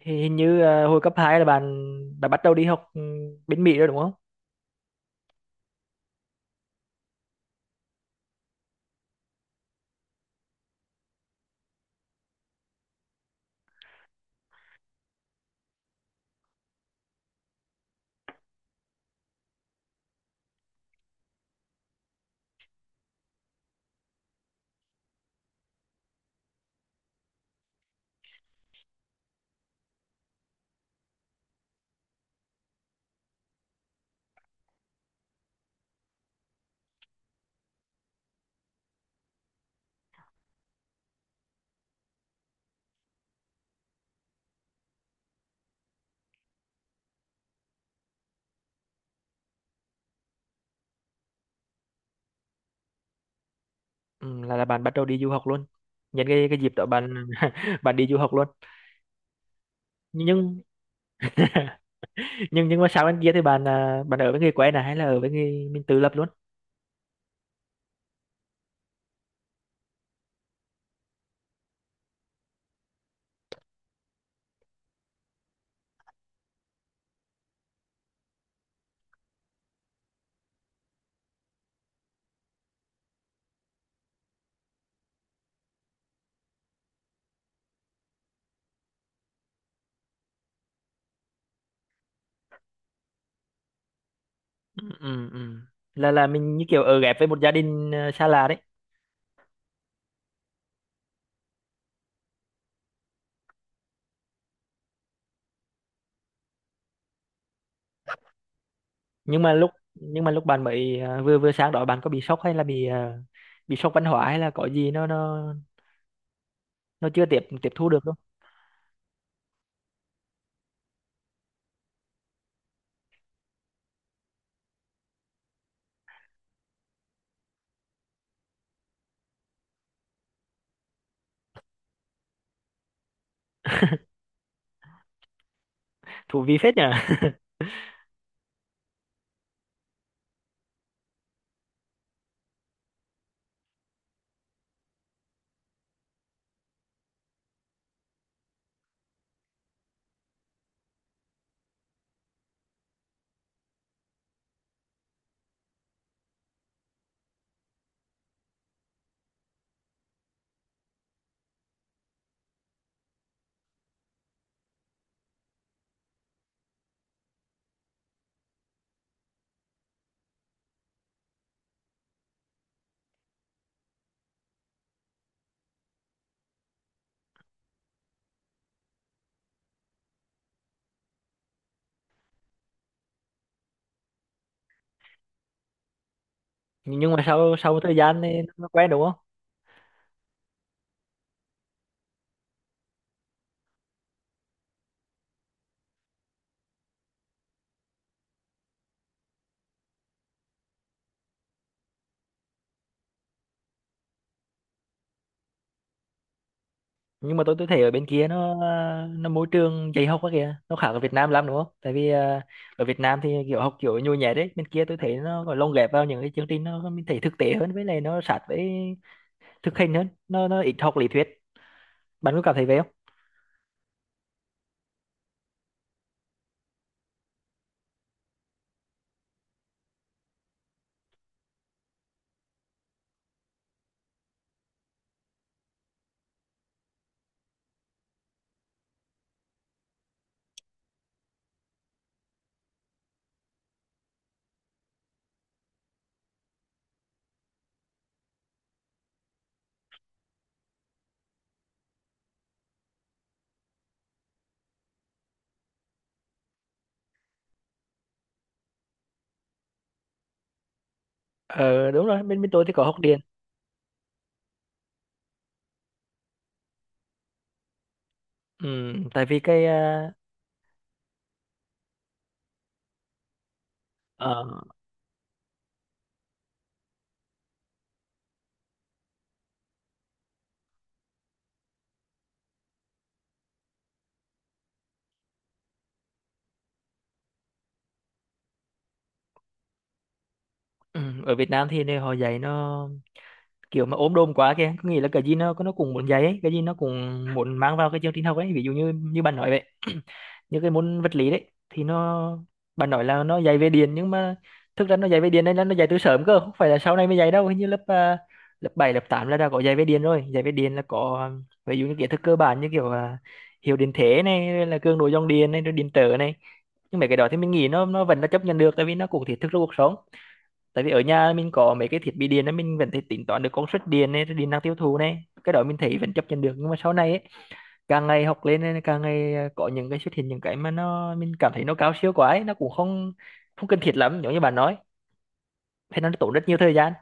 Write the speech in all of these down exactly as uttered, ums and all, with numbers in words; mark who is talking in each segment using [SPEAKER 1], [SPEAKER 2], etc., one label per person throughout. [SPEAKER 1] Thì hình như à, hồi cấp hai là bạn bạn bắt đầu đi học ừ, bên Mỹ rồi đúng không? Ừ, là là bạn bắt đầu đi du học luôn. Nhân cái cái dịp đó bạn bạn đi du học luôn. Nhưng nhưng nhưng mà sau bên kia thì bạn à, bạn ở với người quen này hay là ở với người mình tự lập luôn? Ừ, ừ, ừ. Là là mình như kiểu ở ghép với một gia đình à, xa lạ đấy. Nhưng mà lúc nhưng mà lúc bạn mới à, vừa vừa sang đó bạn có bị sốc hay là bị à, bị sốc văn hóa hay là có gì nó nó nó chưa tiếp tiếp thu được không? Thú vị phết nhỉ. Nhưng mà sau sau một thời gian thì nó quen đúng không? Nhưng mà tôi tôi thấy ở bên kia nó nó môi trường dạy học quá kìa, nó khác ở Việt Nam lắm đúng không? Tại vì à, ở Việt Nam thì kiểu học kiểu nhồi nhét đấy, bên kia tôi thấy nó còn lồng ghép vào những cái chương trình nó mình thấy thực tế hơn, với lại nó sát với thực hành hơn, nó nó ít học lý thuyết, bạn có cảm thấy vậy không? Ờ, đúng rồi, bên bên tôi thì có học điện. Ừ, tại vì cái à, ở ừ, ở Việt Nam thì này họ dạy nó kiểu mà ốm đồm quá kìa, có nghĩa là cái gì nó nó cũng muốn dạy ấy, cái gì nó cũng muốn mang vào cái chương trình học ấy, ví dụ như như bạn nói vậy. Như cái môn vật lý đấy thì nó, bạn nói là nó dạy về điện, nhưng mà thực ra nó dạy về điện đây là nó dạy từ sớm cơ, không phải là sau này mới dạy đâu. Hình như lớp à, lớp bảy lớp tám là đã có dạy về điện rồi. Dạy về điện là có à, ví dụ như kiến thức cơ bản, như kiểu à, hiệu điện thế này, rồi là cường độ dòng điện này, rồi điện trở này. Nhưng mà cái đó thì mình nghĩ nó nó vẫn là chấp nhận được, tại vì nó cũng thiết thực trong cuộc sống. Tại vì ở nhà mình có mấy cái thiết bị điện đó, mình vẫn thể tính toán được công suất điện này, rồi điện năng tiêu thụ này, cái đó mình thấy vẫn chấp nhận được. Nhưng mà sau này ấy, càng ngày học lên ấy, càng ngày à, có những cái xuất hiện, những cái mà nó mình cảm thấy nó cao siêu quá ấy, nó cũng không không cần thiết lắm, giống như bạn nói thế, nó tốn rất nhiều thời gian.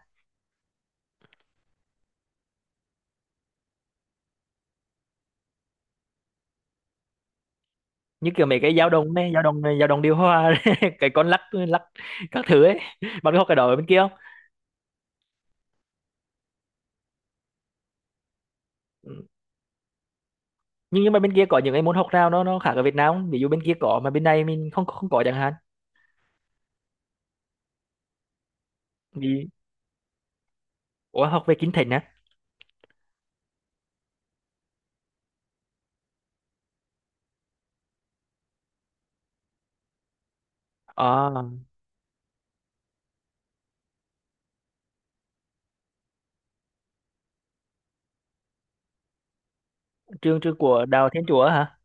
[SPEAKER 1] Như kiểu mấy cái dao động này, dao động dao động điều hòa, cái con lắc lắc các thứ ấy, bạn có học cái đó ở bên kia không? Ừ. nhưng nhưng mà bên kia có những cái môn học nào nó nó khác ở Việt Nam không? Ví dụ bên kia có mà bên này mình không không có chẳng hạn. Vì ủa, học về kinh thành á? À, trường trường của đạo Thiên Chúa hả?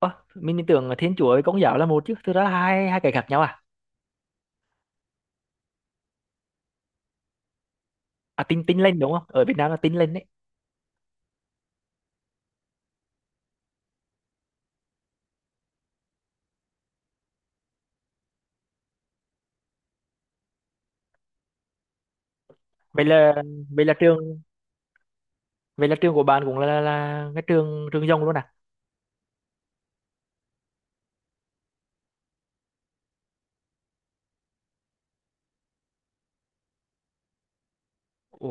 [SPEAKER 1] Ơ, mình tưởng là Thiên Chúa với Công giáo là một chứ, thực ra là hai hai cái khác nhau à? À, Tin Tin lên đúng không? Ở Việt Nam là Tin lên đấy. Vậy là vậy là trường vậy là trường của bạn cũng là là cái trường trường Dòng luôn à? Ồ,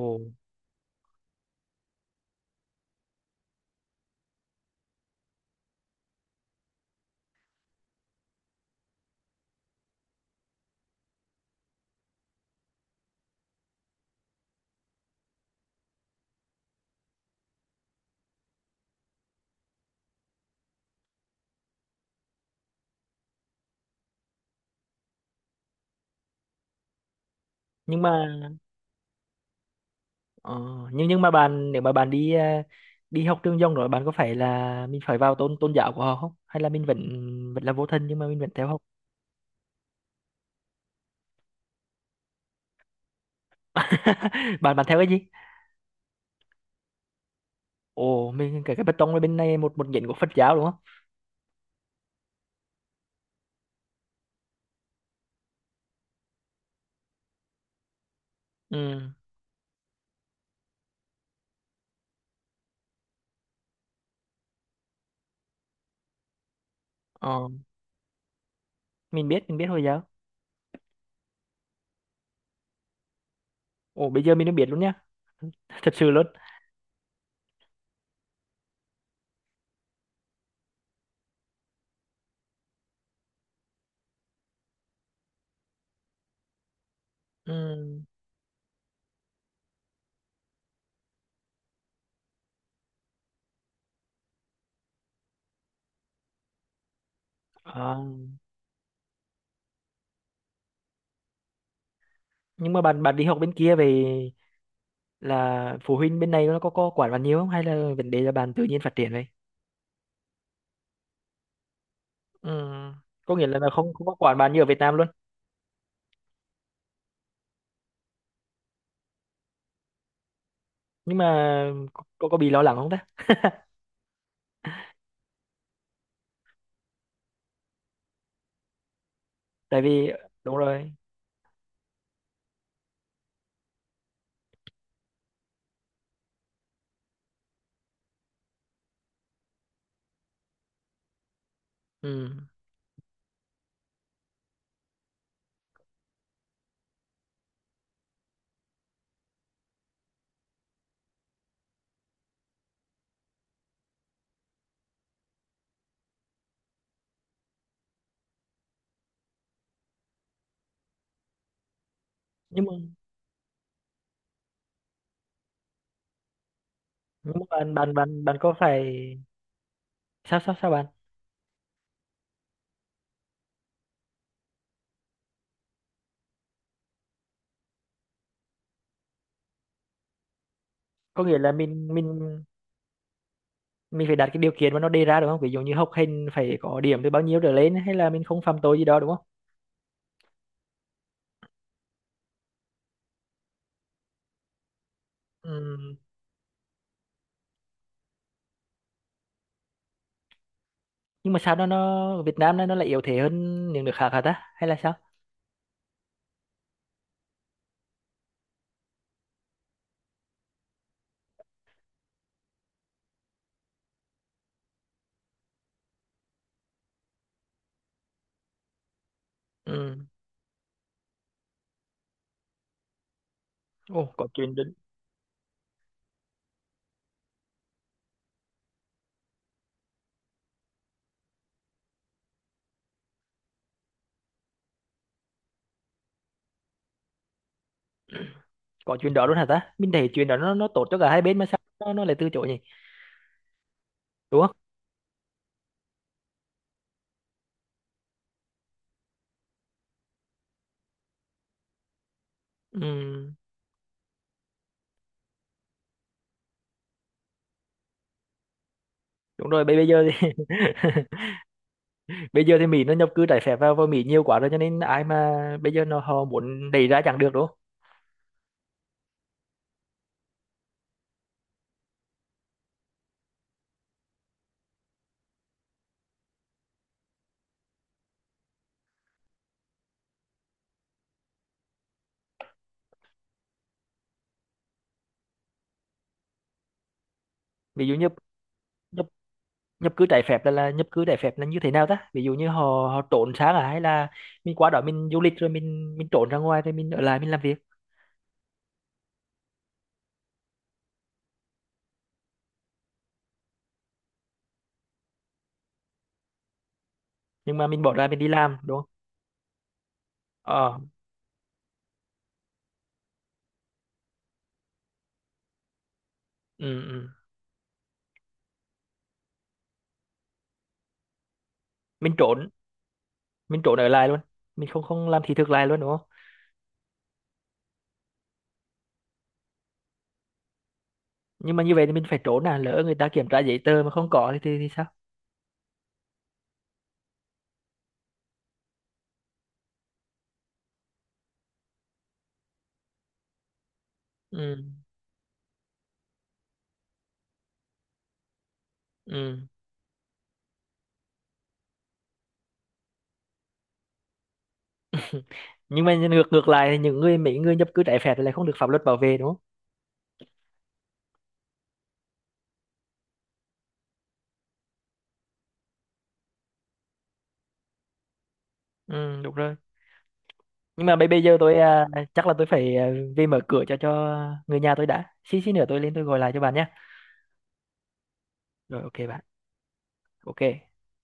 [SPEAKER 1] nhưng mà ờ, nhưng nhưng mà bạn, nếu mà bạn đi ờ, đi học trường Dòng rồi, bạn có phải là mình phải vào tôn tôn giáo của họ không? Hay là mình vẫn vẫn là vô thần nhưng mà mình vẫn theo học? Bạn Bạn theo cái gì? Ồ, mình cái cái bê tông ở bên này một một nhánh của Phật giáo đúng không? Ừ. Ờ, mình biết, mình biết Hồi giáo. Ồ, bây giờ mình đã biết luôn nhá. Thật sự luôn. Ừm, ờ, nhưng mà bạn bạn đi học bên kia về là phụ huynh bên này nó có có quản bạn nhiều không, hay là vấn đề là bạn tự nhiên phát triển vậy? Ừm, có nghĩa là nó không không có quản bạn như ở Việt Nam luôn. Nhưng mà có có bị lo lắng không ta? Tại vì đúng rồi. Ừm, nhưng mà nhưng mà bạn bạn bạn bạn có phải, sao sao sao bạn, có nghĩa là mình mình mình phải đặt cái điều kiện mà nó đề ra đúng không? Ví dụ như học hành phải có điểm từ bao nhiêu trở lên, hay là mình không phạm tội gì đó đúng không? Ừ. Nhưng mà sao nó nó Việt Nam nó nó lại yếu thế hơn những nước khác hả ta, hay là sao? Ừ, ồ, có chuyện đến. Có chuyện đó luôn hả ta? Mình thấy chuyện đó nó nó tốt cho cả hai bên mà sao nó nó lại từ chối nhỉ, đúng không? Ừ, đúng rồi, bây bây giờ thì bây giờ thì Mỹ nó nhập cư trái phép vào vào Mỹ nhiều quá rồi, cho nên ai mà bây giờ nó họ muốn đẩy ra chẳng được đúng không? Ví dụ nhập nhập nhập cư trái phép là, là nhập cư trái phép là như thế nào ta? Ví dụ như họ, họ trốn sang à, hay là mình qua đó mình du lịch rồi mình mình trốn ra ngoài rồi mình ở lại mình làm việc. Nhưng mà mình bỏ ra mình đi làm đúng? Ờ, ừ, ừ. Mình trốn, mình trốn ở lại luôn, mình không không làm thị thực lại luôn đúng không? Nhưng mà như vậy thì mình phải trốn à, lỡ người ta kiểm tra giấy tờ mà không có thì thì, thì sao? Ừ, ừ. Nhưng mà ngược ngược lại thì những người mấy người nhập cư trái phép lại không được pháp luật bảo vệ đúng không? Ừ, đúng rồi. Nhưng mà bây bây giờ tôi à, chắc là tôi phải à, về mở cửa cho cho người nhà tôi đã, xí xí nữa tôi lên tôi gọi lại cho bạn nhé. Rồi, ok bạn. Ok.